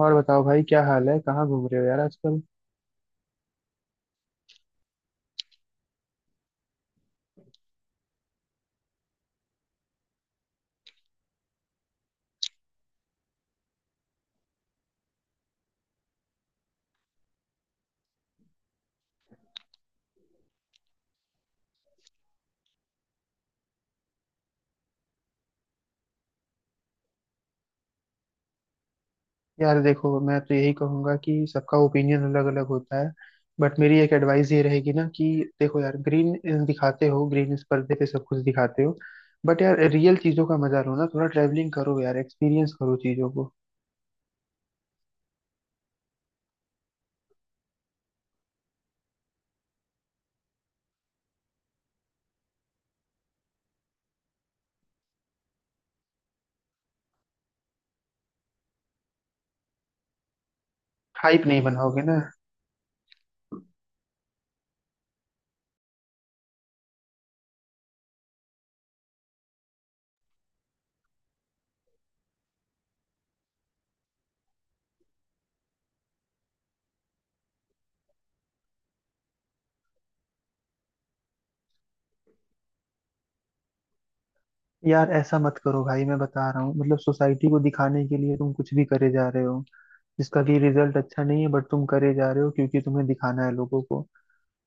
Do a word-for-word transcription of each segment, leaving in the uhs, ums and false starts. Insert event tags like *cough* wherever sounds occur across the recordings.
और बताओ भाई, क्या हाल है, कहाँ घूम रहे हो यार आजकल। यार देखो, मैं तो यही कहूंगा कि सबका ओपिनियन अलग अलग होता है। बट मेरी एक एडवाइस ये रहेगी ना कि देखो यार, ग्रीन दिखाते हो, ग्रीन इस पर्दे पे सब कुछ दिखाते हो। बट यार, रियल चीजों का मजा लो ना, थोड़ा ट्रैवलिंग करो यार, एक्सपीरियंस करो चीजों को। हाइप नहीं बनाओगे ना। यार, ऐसा मत करो भाई, मैं बता रहा हूँ मतलब, सोसाइटी को दिखाने के लिए तुम कुछ भी करे जा रहे हो। जिसका कि रिजल्ट अच्छा नहीं है, बट तुम करे जा रहे हो क्योंकि तुम्हें दिखाना है लोगों को।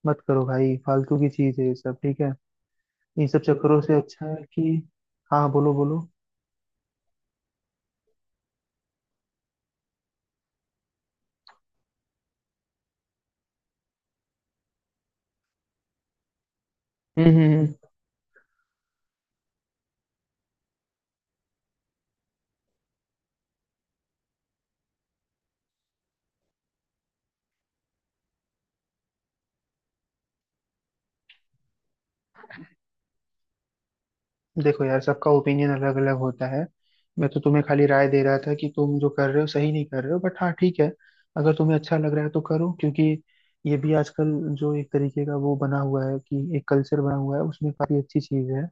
मत करो भाई, फालतू की चीज है ये सब, ठीक है। इन सब चक्करों से अच्छा है कि... हाँ, बोलो बोलो। हम्म हम्म हम्म। देखो यार, सबका ओपिनियन अलग अलग होता है। मैं तो तुम्हें खाली राय दे रहा था कि तुम जो कर रहे हो सही नहीं कर रहे हो, बट हाँ ठीक है। अगर तुम्हें अच्छा लग रहा है तो करो, क्योंकि ये भी आजकल जो एक तरीके का वो बना हुआ है कि एक कल्चर बना हुआ है उसमें, काफी अच्छी चीज है।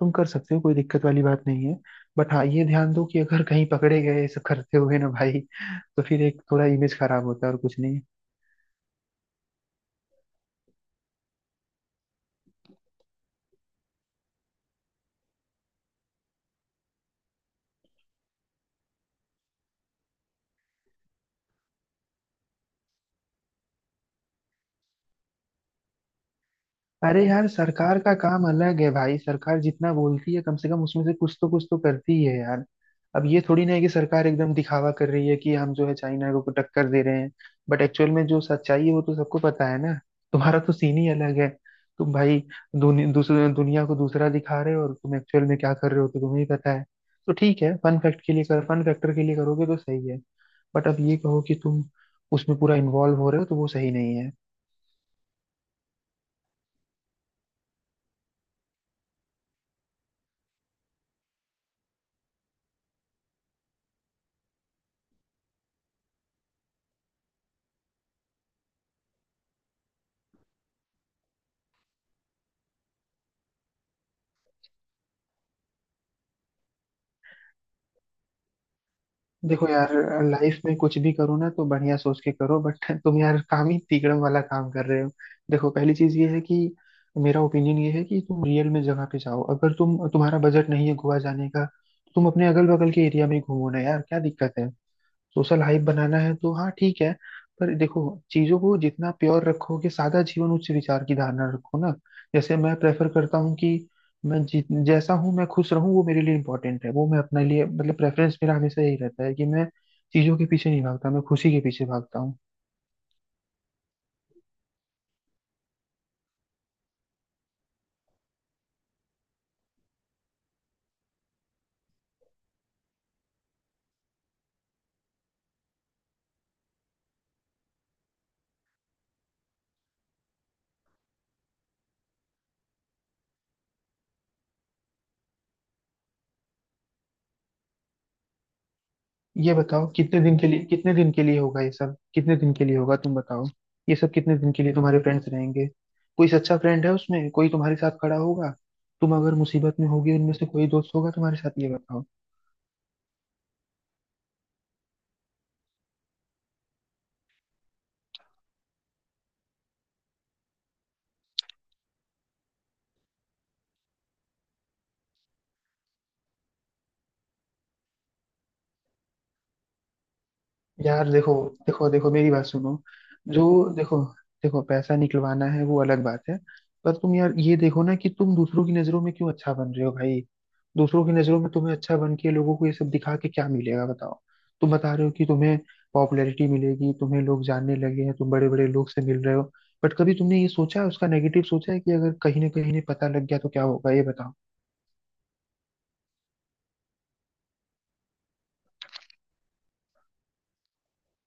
तुम कर सकते हो, कोई दिक्कत वाली बात नहीं है। बट हाँ, ये ध्यान दो कि अगर कहीं पकड़े गए ये सब करते हुए ना भाई, तो फिर एक थोड़ा इमेज खराब होता है, और कुछ नहीं। अरे यार, सरकार का काम अलग है भाई, सरकार जितना बोलती है कम से कम उसमें से कुछ तो कुछ तो करती है यार। अब ये थोड़ी ना है कि सरकार एकदम दिखावा कर रही है कि हम जो है चाइना को टक्कर दे रहे हैं। बट एक्चुअल में जो सच्चाई है वो तो सबको पता है ना। तुम्हारा तो सीन ही अलग है। तुम भाई दुनि, दूसरे दुनिया को दूसरा दिखा रहे हो, और तुम एक्चुअल में क्या कर रहे हो तो तुम्हें ही पता है। तो ठीक है, फन फैक्ट के लिए कर फन फैक्टर के लिए करोगे तो सही है। बट अब ये कहो कि तुम उसमें पूरा इन्वॉल्व हो रहे हो, तो वो सही नहीं। देखो यार, लाइफ में कुछ भी करो ना तो बढ़िया सोच के करो, बट *laughs* तुम यार काम ही तिकड़म वाला काम कर रहे हो। देखो, पहली चीज ये है कि मेरा ओपिनियन ये है कि तुम रियल में जगह पे जाओ, अगर तुम तुम्हारा बजट नहीं है गोवा जाने का तो तुम अपने अगल बगल के एरिया में ही घूमो ना यार, क्या दिक्कत है। सोशल हाइप बनाना है तो हाँ ठीक है, पर देखो, चीजों को जितना प्योर रखोगे, सादा जीवन उच्च विचार की धारणा रखो ना। जैसे मैं प्रेफर करता हूँ कि मैं जि, जैसा हूँ मैं खुश रहूँ, वो मेरे लिए इम्पोर्टेंट है, वो मैं अपने लिए मतलब, प्रेफरेंस मेरा हमेशा यही रहता है कि मैं चीजों के पीछे नहीं भागता, मैं खुशी के पीछे भागता हूँ। ये बताओ, कितने दिन के लिए कितने दिन के लिए होगा ये सब, कितने दिन के लिए होगा तुम बताओ। ये सब कितने दिन के लिए तुम्हारे फ्रेंड्स रहेंगे। कोई सच्चा फ्रेंड है उसमें, कोई तुम्हारे साथ खड़ा होगा। तुम अगर मुसीबत में होगी, उनमें से कोई दोस्त होगा तुम्हारे साथ, ये बताओ। यार देखो देखो देखो, मेरी बात सुनो। जो देखो देखो, पैसा निकलवाना है वो अलग बात है। पर तुम यार, ये देखो ना कि तुम दूसरों की नजरों में क्यों अच्छा बन रहे हो भाई। दूसरों की नजरों में तुम्हें अच्छा बन के लोगों को ये सब दिखा के क्या मिलेगा, बताओ। तुम बता रहे हो कि तुम्हें पॉपुलैरिटी मिलेगी, तुम्हें लोग जानने लगे हैं, तुम बड़े बड़े लोग से मिल रहे हो। बट कभी तुमने ये सोचा है, उसका नेगेटिव सोचा है कि अगर कहीं ना कहीं ने पता लग गया तो क्या होगा, ये बताओ।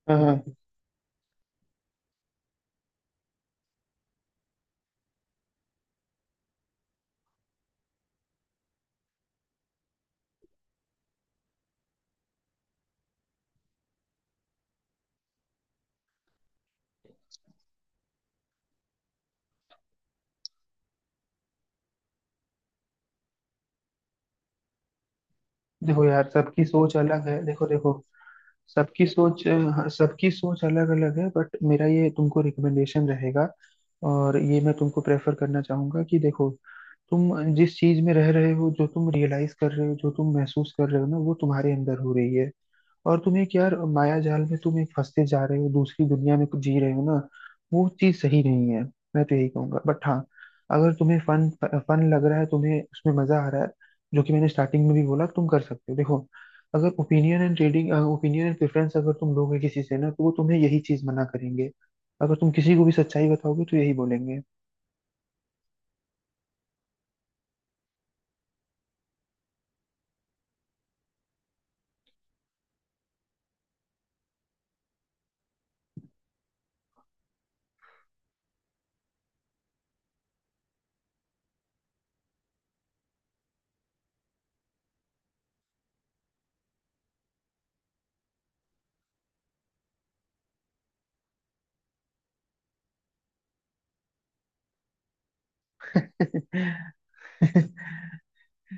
हाँ हाँ। देखो यार, सबकी सोच अलग है, देखो देखो। सबकी सोच हाँ, सबकी सोच अलग अलग है, बट मेरा ये तुमको रिकमेंडेशन रहेगा। और ये मैं तुमको प्रेफर करना चाहूंगा कि देखो, तुम जिस चीज में रह रहे हो, जो तुम रियलाइज कर रहे हो, जो तुम महसूस कर रहे हो ना, वो तुम्हारे अंदर हो रही है। और तुम एक यार माया जाल में तुम एक फंसते जा रहे हो, दूसरी दुनिया में जी रहे हो ना। वो चीज सही नहीं है। मैं तो यही कहूंगा, बट हाँ, अगर तुम्हें फन फन लग रहा है, तुम्हें उसमें मजा आ रहा है। जो कि मैंने स्टार्टिंग में भी बोला, तुम कर सकते हो देखो। अगर opinion and trading opinion and preference अगर तुम लोगे किसी से ना, तो वो तुम्हें यही चीज मना करेंगे। अगर तुम किसी को भी सच्चाई बताओगे तो यही बोलेंगे।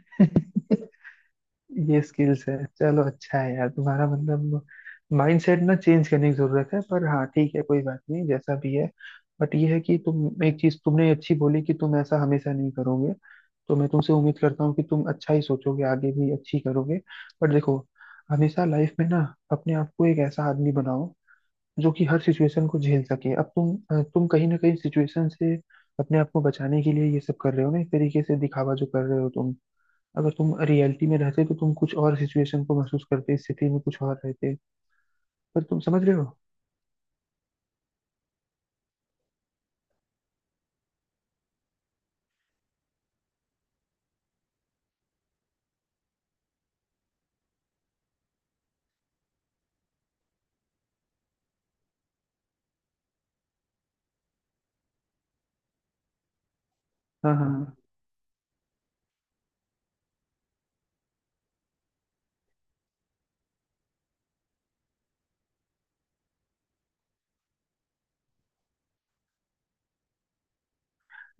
*laughs* ये स्किल्स है, चलो अच्छा है यार, तुम्हारा मतलब माइंडसेट ना चेंज करने की जरूरत है, पर हाँ ठीक है, कोई बात नहीं जैसा भी है। बट ये है कि तुम एक चीज तुमने अच्छी बोली कि तुम ऐसा हमेशा नहीं करोगे। तो मैं तुमसे उम्मीद करता हूँ कि तुम अच्छा ही सोचोगे, आगे भी अच्छी करोगे। बट देखो, हमेशा लाइफ में ना, अपने आप को एक ऐसा आदमी बनाओ जो कि हर सिचुएशन को झेल सके। अब तुम अ, तुम कहीं ना कहीं सिचुएशन से अपने आप को बचाने के लिए ये सब कर रहे हो ना, एक तरीके से दिखावा जो कर रहे हो तुम। अगर तुम रियलिटी में रहते तो तुम कुछ और सिचुएशन को महसूस करते, स्थिति में कुछ और रहते। पर तुम समझ रहे हो। हाँ हाँ हाँ।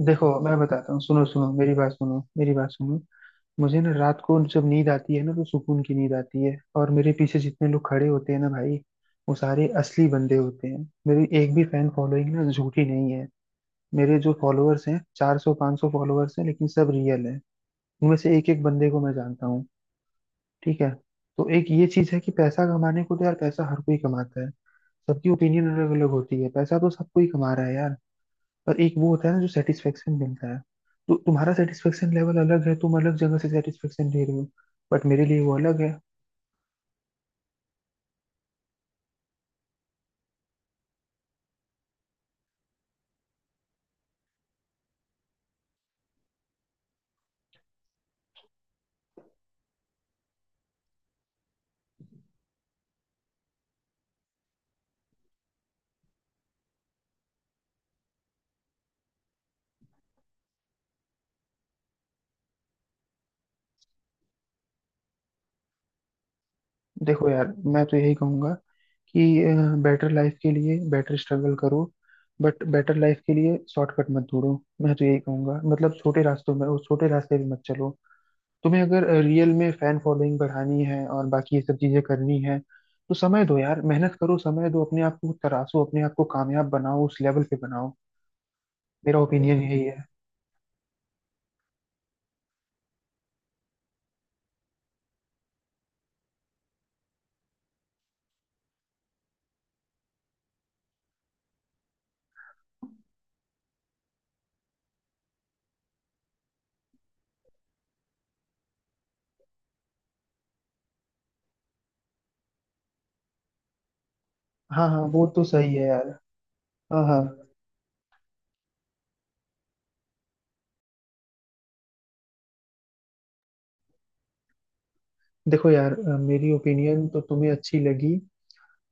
देखो, मैं बताता हूँ, सुनो सुनो, मेरी बात सुनो, मेरी बात सुनो। मुझे ना, रात को जब नींद आती है ना, तो सुकून की नींद आती है, और मेरे पीछे जितने लोग खड़े होते हैं ना भाई, वो सारे असली बंदे होते हैं। मेरी एक भी फैन फॉलोइंग ना झूठी नहीं है। मेरे जो फॉलोअर्स हैं, चार सौ पाँच सौ फॉलोअर्स हैं, लेकिन सब रियल हैं। उनमें से एक एक बंदे को मैं जानता हूँ। ठीक है। तो एक ये चीज है कि पैसा कमाने को तो यार, पैसा हर कोई कमाता है। सबकी ओपिनियन अलग अलग होती है, पैसा तो सबको ही कमा रहा है यार। पर एक वो होता है ना जो सेटिस्फेक्शन मिलता है। तो तुम्हारा सेटिस्फेक्शन लेवल अलग है, तुम अलग जगह से सेटिस्फेक्शन ले रहे हो। बट मेरे लिए वो अलग है। देखो यार, मैं तो यही कहूंगा कि बेटर लाइफ के लिए बेटर स्ट्रगल करो। बट बेटर लाइफ के लिए शॉर्टकट मत ढूंढो। मैं तो यही कहूंगा मतलब, छोटे रास्तों में, उस छोटे रास्ते पे मत चलो। तुम्हें अगर रियल में फैन फॉलोइंग बढ़ानी है और बाकी ये सब चीजें करनी है, तो समय दो यार, मेहनत करो, समय दो, अपने आप को तराशो, अपने आप को कामयाब बनाओ, उस लेवल पे बनाओ। मेरा ओपिनियन यही है। हाँ हाँ, वो तो सही है यार। हाँ हाँ। देखो यार, अ, मेरी ओपिनियन तो तुम्हें अच्छी लगी।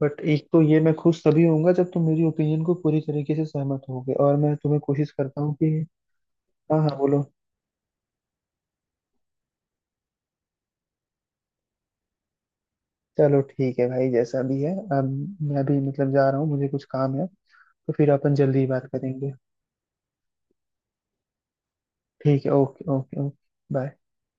बट एक तो ये, मैं खुश तभी होऊंगा जब तुम मेरी ओपिनियन को पूरी तरीके से सहमत होगे, और मैं तुम्हें कोशिश करता हूँ कि... हाँ हाँ बोलो। चलो ठीक है भाई, जैसा भी है। अब मैं भी मतलब जा रहा हूँ, मुझे कुछ काम है। तो फिर अपन जल्दी ही बात करेंगे। ठीक है, ओके ओके ओके, बाय।